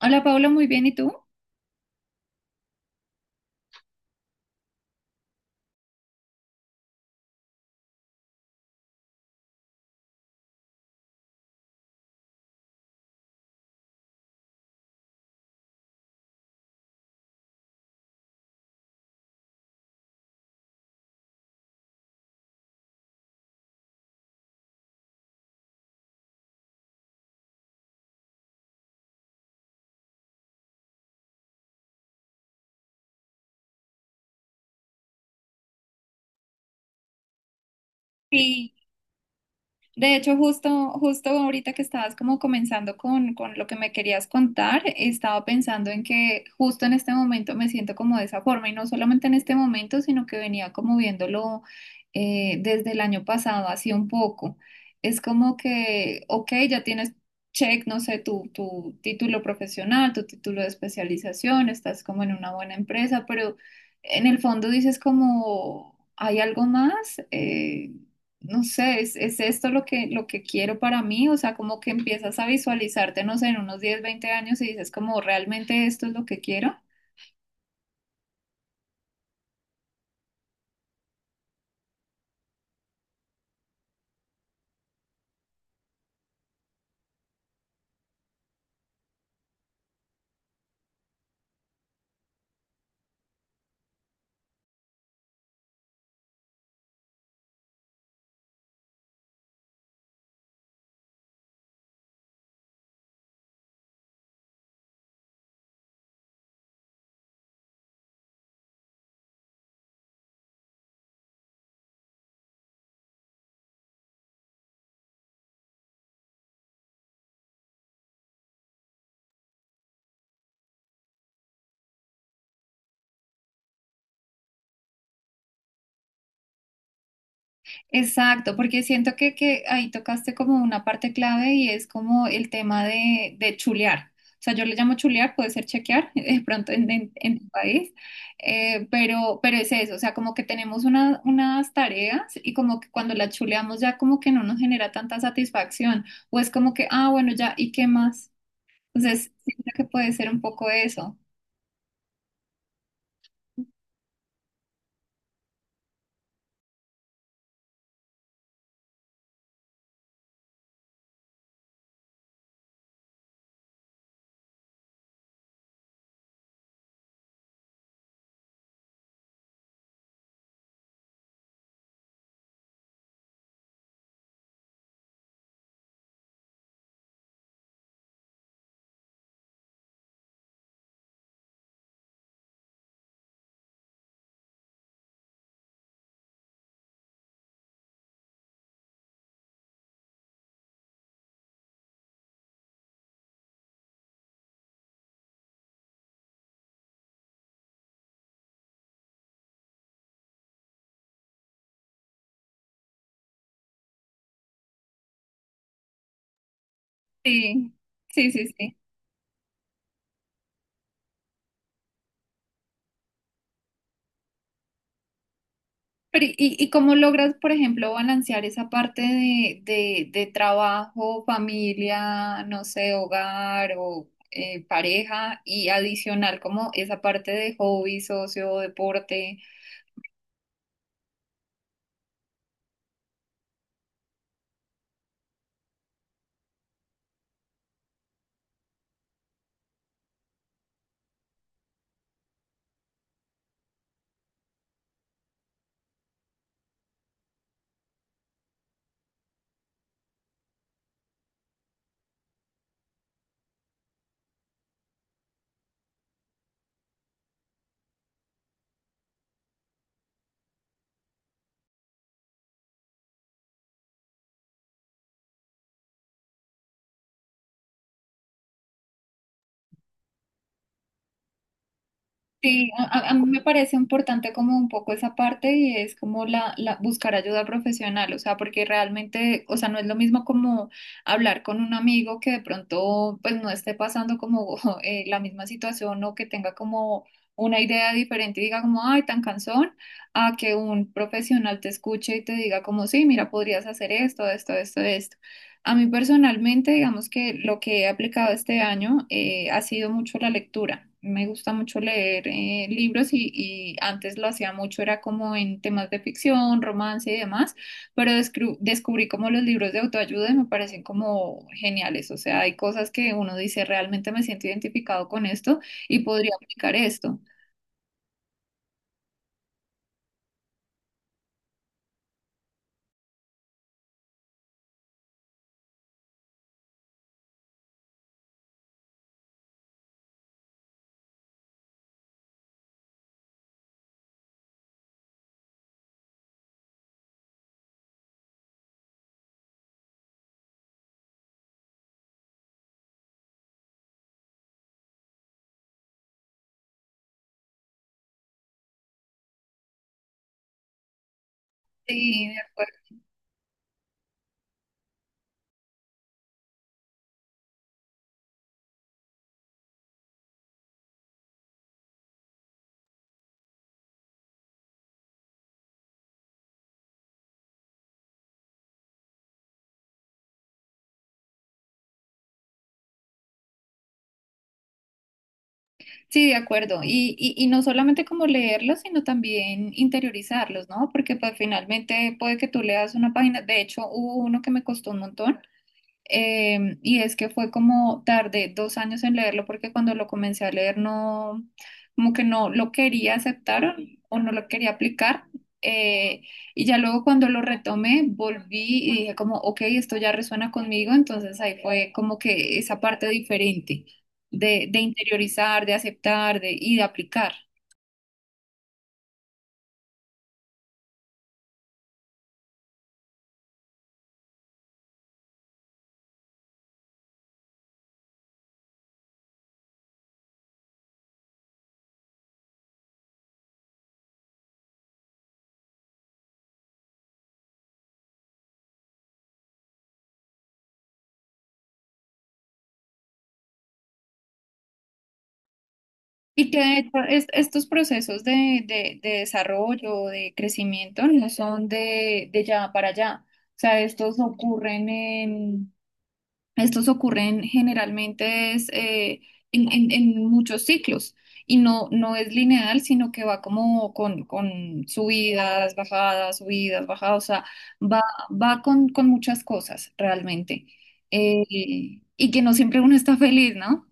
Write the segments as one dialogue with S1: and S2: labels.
S1: Hola Paula, muy bien, ¿y tú? Sí. De hecho, justo ahorita que estabas como comenzando con lo que me querías contar, estaba pensando en que justo en este momento me siento como de esa forma y no solamente en este momento, sino que venía como viéndolo desde el año pasado, así un poco. Es como que, ok, ya tienes check, no sé, tu título profesional, tu título de especialización, estás como en una buena empresa, pero en el fondo dices como, ¿hay algo más? No sé, es esto lo que quiero para mí, o sea, como que empiezas a visualizarte, no sé, en unos 10-20 años y dices como, ¿realmente esto es lo que quiero? Exacto, porque siento que ahí tocaste como una parte clave y es como el tema de chulear. O sea, yo le llamo chulear, puede ser chequear de pronto en tu país, pero es eso, o sea, como que tenemos una- unas tareas y como que cuando las chuleamos ya como que no nos genera tanta satisfacción, o es como que, ah, bueno, ya, ¿y qué más? Entonces, siento que puede ser un poco eso. Sí, sí, sí, sí. Pero, ¿ y cómo logras, por ejemplo, balancear esa parte de trabajo, familia, no sé, hogar o pareja y adicional como esa parte de hobby, socio, deporte? Sí, a mí me parece importante como un poco esa parte y es como la buscar ayuda profesional, o sea, porque realmente, o sea, no es lo mismo como hablar con un amigo que de pronto pues no esté pasando como la misma situación o que tenga como una idea diferente y diga como, ay, tan cansón, a que un profesional te escuche y te diga como, sí, mira, podrías hacer esto, esto, esto, esto. A mí personalmente, digamos que lo que he aplicado este año ha sido mucho la lectura. Me gusta mucho leer libros y antes lo hacía mucho, era como en temas de ficción, romance y demás, pero descubrí como los libros de autoayuda y me parecen como geniales. O sea, hay cosas que uno dice, realmente me siento identificado con esto y podría aplicar esto. Sí, de acuerdo. Sí, de acuerdo. Y no solamente como leerlos, sino también interiorizarlos, ¿no? Porque pues finalmente puede que tú leas una página. De hecho hubo uno que me costó un montón. Y es que fue como tardé 2 años en leerlo porque cuando lo comencé a leer no, como que no lo quería aceptar o no lo quería aplicar. Eh, y ya luego cuando lo retomé, volví y dije como, ok, esto ya resuena conmigo, entonces ahí fue como que esa parte diferente de interiorizar, de aceptar y de aplicar. Y que de hecho estos procesos de desarrollo, de crecimiento, no son de ya para allá. O sea, estos ocurren generalmente es, en muchos ciclos. Y no, no es lineal, sino que va como con subidas, bajadas, subidas, bajadas. O sea, va, va con muchas cosas realmente. Eh, y que no siempre uno está feliz, ¿no?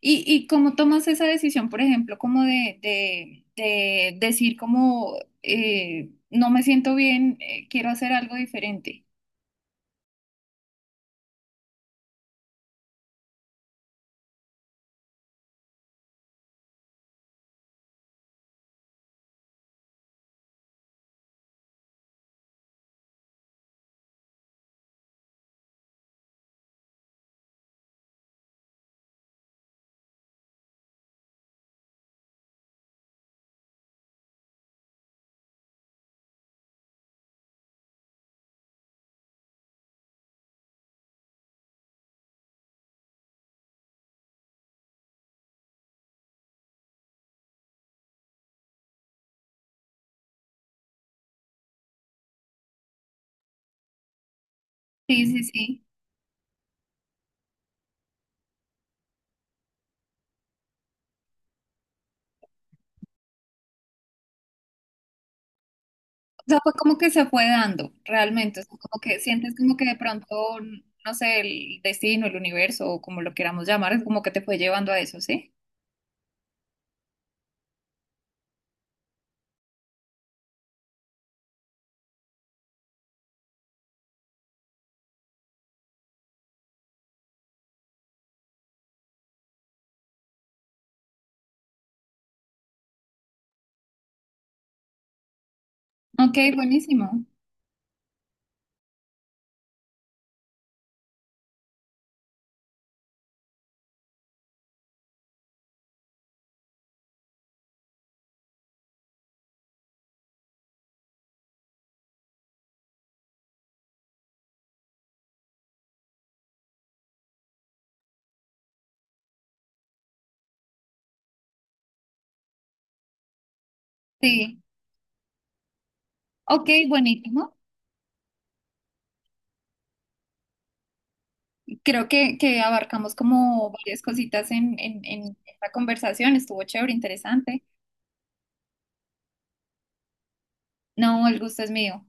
S1: ¿ y cómo tomas esa decisión, por ejemplo, como de decir como no me siento bien, quiero hacer algo diferente? Sí, sí, sí. O sea, fue como que se fue dando realmente, o sea, como que sientes como que de pronto, no sé, el destino, el universo o como lo queramos llamar, es como que te fue llevando a eso, ¿sí? Ok, buenísimo. Sí, ok, buenísimo. Creo que abarcamos como varias cositas en esta conversación, estuvo chévere, interesante. No, el gusto es mío.